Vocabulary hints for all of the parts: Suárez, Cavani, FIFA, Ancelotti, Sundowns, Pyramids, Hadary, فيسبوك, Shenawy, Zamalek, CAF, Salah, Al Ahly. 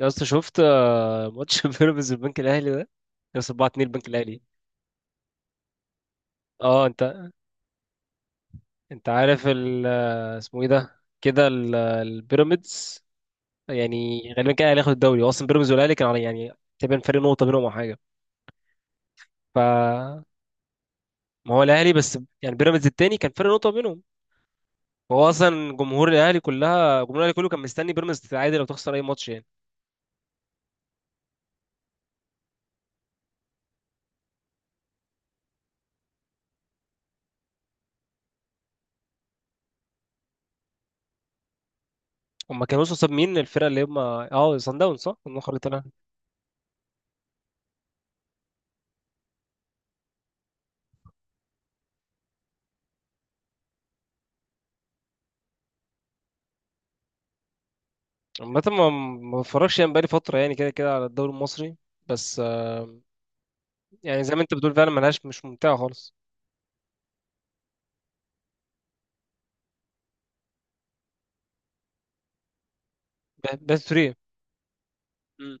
يا اسطى شفت ماتش بيراميدز البنك الاهلي ده. يا اسطى 4-2 البنك الاهلي. اه، انت. انت عارف ال آه، اسمه ايه ده كده البيراميدز. يعني غالبا كده الاهلي هياخد الدوري. هو اصلا بيراميدز والاهلي كان على، يعني تقريبا فرق نقطه بينهم او حاجه. ف ما هو الاهلي، بس يعني بيراميدز التاني كان فرق نقطه بينهم. هو اصلا جمهور الاهلي كله كان مستني بيراميدز تتعادل او تخسر اي ماتش يعني. هما كانوا وصلوا قصاد مين؟ الفرقه اللي هما اه صن داونز، صح؟ اللي خرجت. عامة ما بتفرجش يعني، بقالي فترة يعني، كده كده على الدوري المصري. بس يعني زي ما انت بتقول فعلا، ملهاش، مش ممتعة خالص. بس تريه. مم.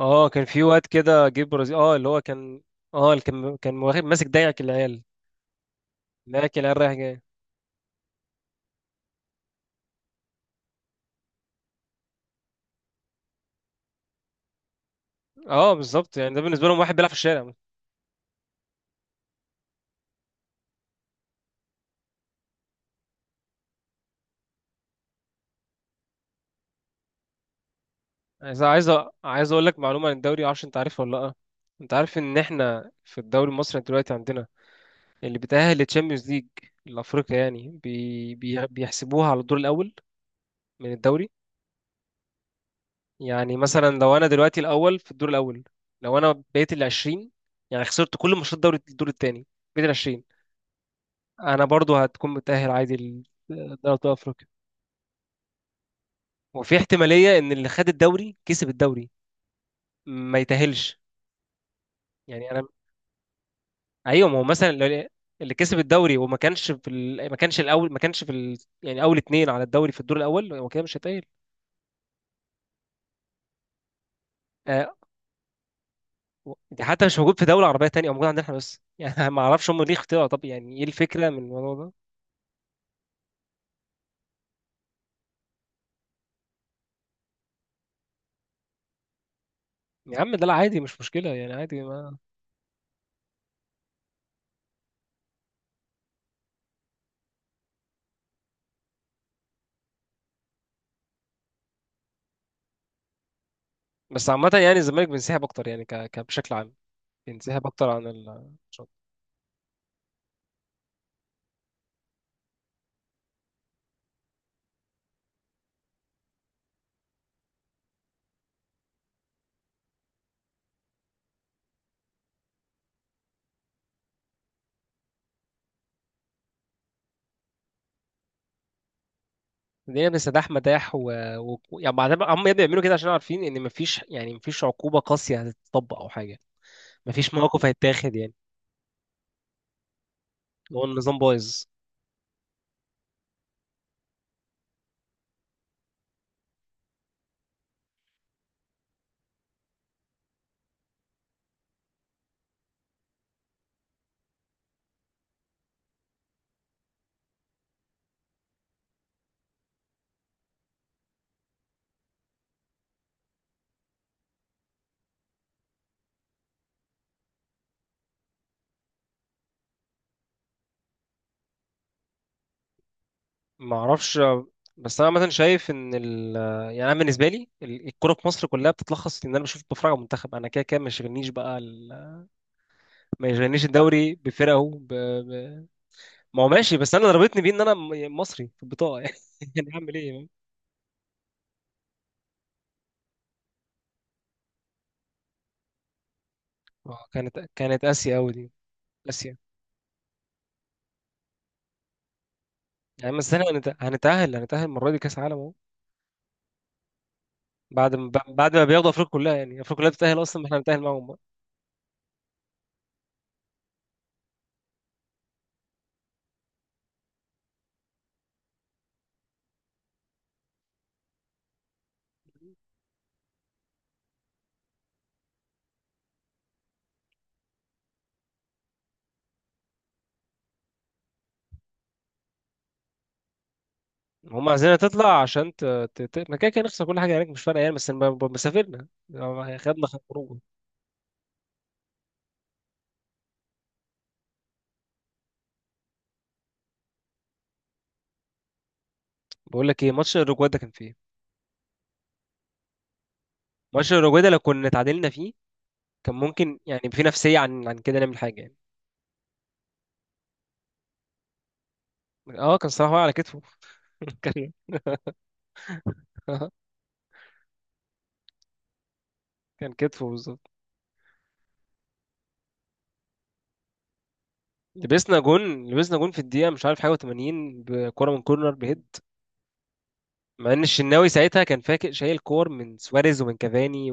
اه، كان في واد كده جه برازيل، اه اللي هو كان. اه، اللي كان واخد ماسك دايعك العيال. دايعك العيال رايح جاي. اه بالظبط، يعني ده بالنسبة لهم واحد بيلعب في الشارع. عايز اقول لك معلومة عن الدوري، معرفش انت عارفها ولا لا. انت عارف ان احنا في الدوري المصري دلوقتي عندنا اللي بيتأهل للتشامبيونز ليج الافريقيا، يعني بيحسبوها على الدور الاول من الدوري. يعني مثلا لو انا دلوقتي الاول في الدور الاول، لو انا بقيت ال 20، يعني خسرت كل ماتشات دوري الدور الثاني، بقيت ال 20، انا برضو هتكون متأهل عادي لدوري افريقيا. وفي احتمالية ان اللي خد الدوري كسب الدوري ما يتأهلش. يعني انا، ايوه، ما هو مثلا اللي كسب الدوري وما كانش في ما كانش الاول، ما كانش في يعني اول اتنين على الدوري في الدور الاول، هو كده مش هيتأهل. آه، دي حتى مش موجود في دولة عربية تانية، او موجود عندنا احنا بس يعني ما اعرفش هم ليه اختيار، طب يعني ايه الفكرة من الموضوع ده. يا عم ده لا عادي، مش مشكلة يعني، عادي ما. بس عامة يعني الزمالك بينسحب أكتر يعني، بشكل عام، بينسحب أكتر عن الماتشات. الدنيا بنستداح مداح. يعني بعدين هم يا ابني بيعملوا كده عشان عارفين إن مفيش، يعني مفيش عقوبة قاسية هتتطبق أو حاجة، مفيش مواقف هيتاخد يعني. هو النظام بايظ. معرفش. بس أنا مثلا شايف إن يعني أنا بالنسبة لي الكورة في مصر كلها بتتلخص إن أنا بشوف، بتفرج على المنتخب. أنا كده كده ما يشغلنيش بقى ما يشغلنيش الدوري بفرقه ب... ما هو ماشي، بس انا ضربتني بيه ان انا يعني مصري في البطاقه يعني يعني اعمل ايه يعني؟ ما هو كانت اسيا قوي دي. اسيا. يعني بس انا هنتاهل المره دي كاس عالم اهو. بعد ما بياخدوا افريقيا كلها، يعني افريقيا كلها بتتاهل اصلا، ما احنا هنتاهل معاهم بقى. هم عايزيننا تطلع عشان ما كده كده نخسر كل حاجه هناك، مش فارقه يعني، بس مسافرنا يعني خدنا خروج. بقول لك ايه، ماتش الاوروجواي ده كان فيه. ماتش الاوروجواي ده لو كنا اتعادلنا فيه كان ممكن يعني في نفسيه عن كده نعمل حاجه يعني. اه كان صلاح واقع على كتفه. كان. كان كتفه بالظبط. لبسنا جون في الدقيقة مش عارف حاجة و80، بكرة من كورنر بهيد، مع إن الشناوي ساعتها كان فاكر، شايل كور من سواريز ومن كافاني.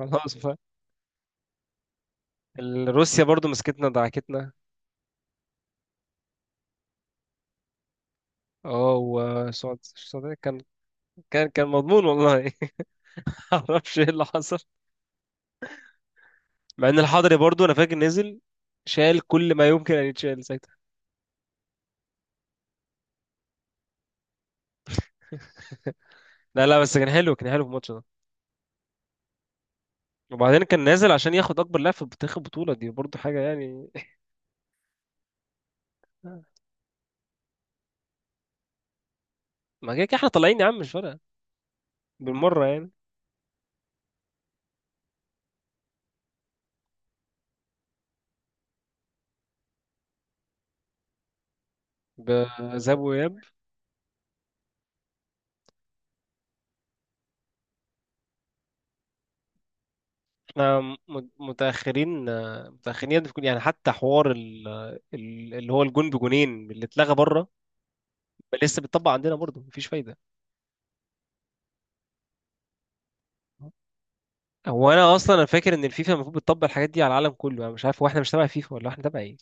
وخلاص. روسيا برضو مسكتنا دعكتنا. اه، السعودية كان، كان مضمون والله معرفش ايه اللي حصل. مع إن الحضري برضو أنا فاكر نزل، شال كل ما يمكن أن يتشال ساعتها. لا لا، بس كان حلو، كان حلو في الماتش ده. وبعدين كان نازل عشان ياخد أكبر لاعب في تاريخ البطولة دي، برضو حاجة يعني. ما كده كده احنا طالعين يا عم، مش فارقة بالمرة يعني. بذهاب وإياب. احنا متأخرين، متأخرين يعني في يعني حتى حوار اللي هو الجون بجونين اللي اتلغى بره، لسه بيتطبق عندنا برضه، مفيش فايدة. هو انا اصلا انا فاكر ان الفيفا المفروض بتطبق الحاجات دي على العالم كله، انا مش عارف هو احنا مش تبع فيفا ولا احنا تبع ايه.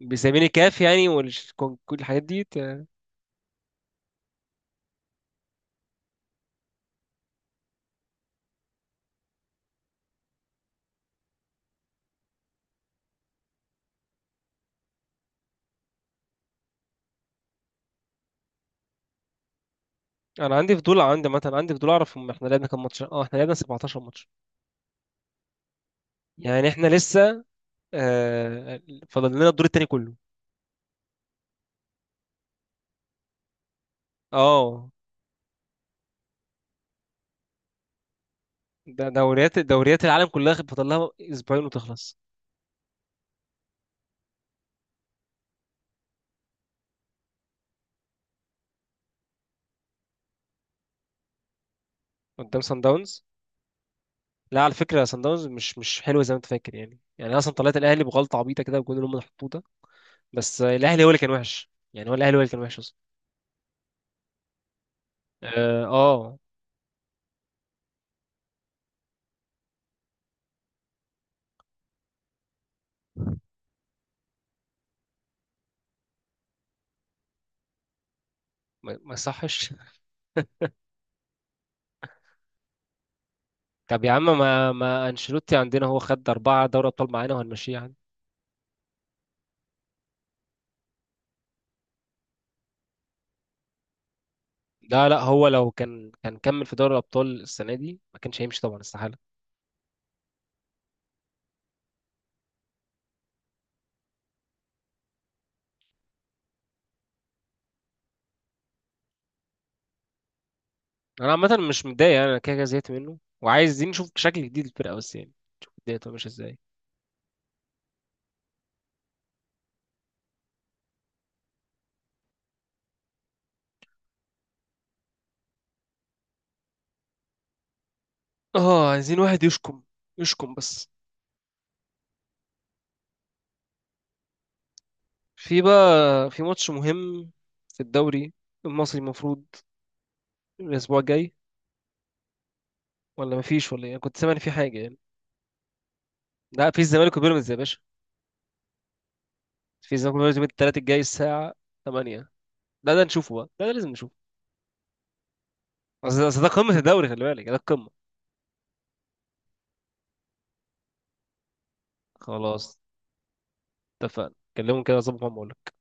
بيسمين الكاف يعني، كل الحاجات دي انا عندي فضول، عندي مثلا، عندي فضول اعرف، هم احنا لعبنا كام ماتش؟ اه احنا لعبنا 17 ماتش يعني، احنا لسه آه فاضل لنا الدور التاني كله. اه ده دوريات العالم كلها فاضل لها اسبوعين وتخلص. قدام سان داونز. لا على فكره، سان داونز مش حلو زي ما انت فاكر يعني أنا اصلا طلعت الاهلي بغلطه عبيطه كده بالجون اللي هم حطوه ده. بس الاهلي هو اللي كان وحش يعني، هو الاهلي هو اللي كان وحش اصلا. اه ما صحش. طب يا عم، ما انشيلوتي عندنا هو خد اربعه دوري ابطال معانا وهنمشيه يعني. لا لا، هو لو كان كمل في دوري الابطال السنه دي ما كانش هيمشي طبعا، استحاله. انا عامه مش متضايق يعني، انا كده كده زهقت منه وعايزين نشوف شكل جديد للفرقه بس يعني. نشوف الدنيا تبقى ماشيه ازاي. اه، عايزين واحد يشكم، يشكم بس. في بقى، في ماتش مهم في الدوري المصري، المفروض الاسبوع الجاي، ولا مفيش ولا ايه؟ أنا كنت سامع ان في حاجه يعني. لا، في الزمالك وبيراميدز يا باشا، في الزمالك وبيراميدز يوم التلات الجاي الساعه 8. لا ده نشوفه بقى، لا ده لازم نشوفه. أصل ده قمه الدوري، خلي بالك ده القمه. خلاص، اتفقنا. كلمهم كده، اظبط معاهم، اقول لك.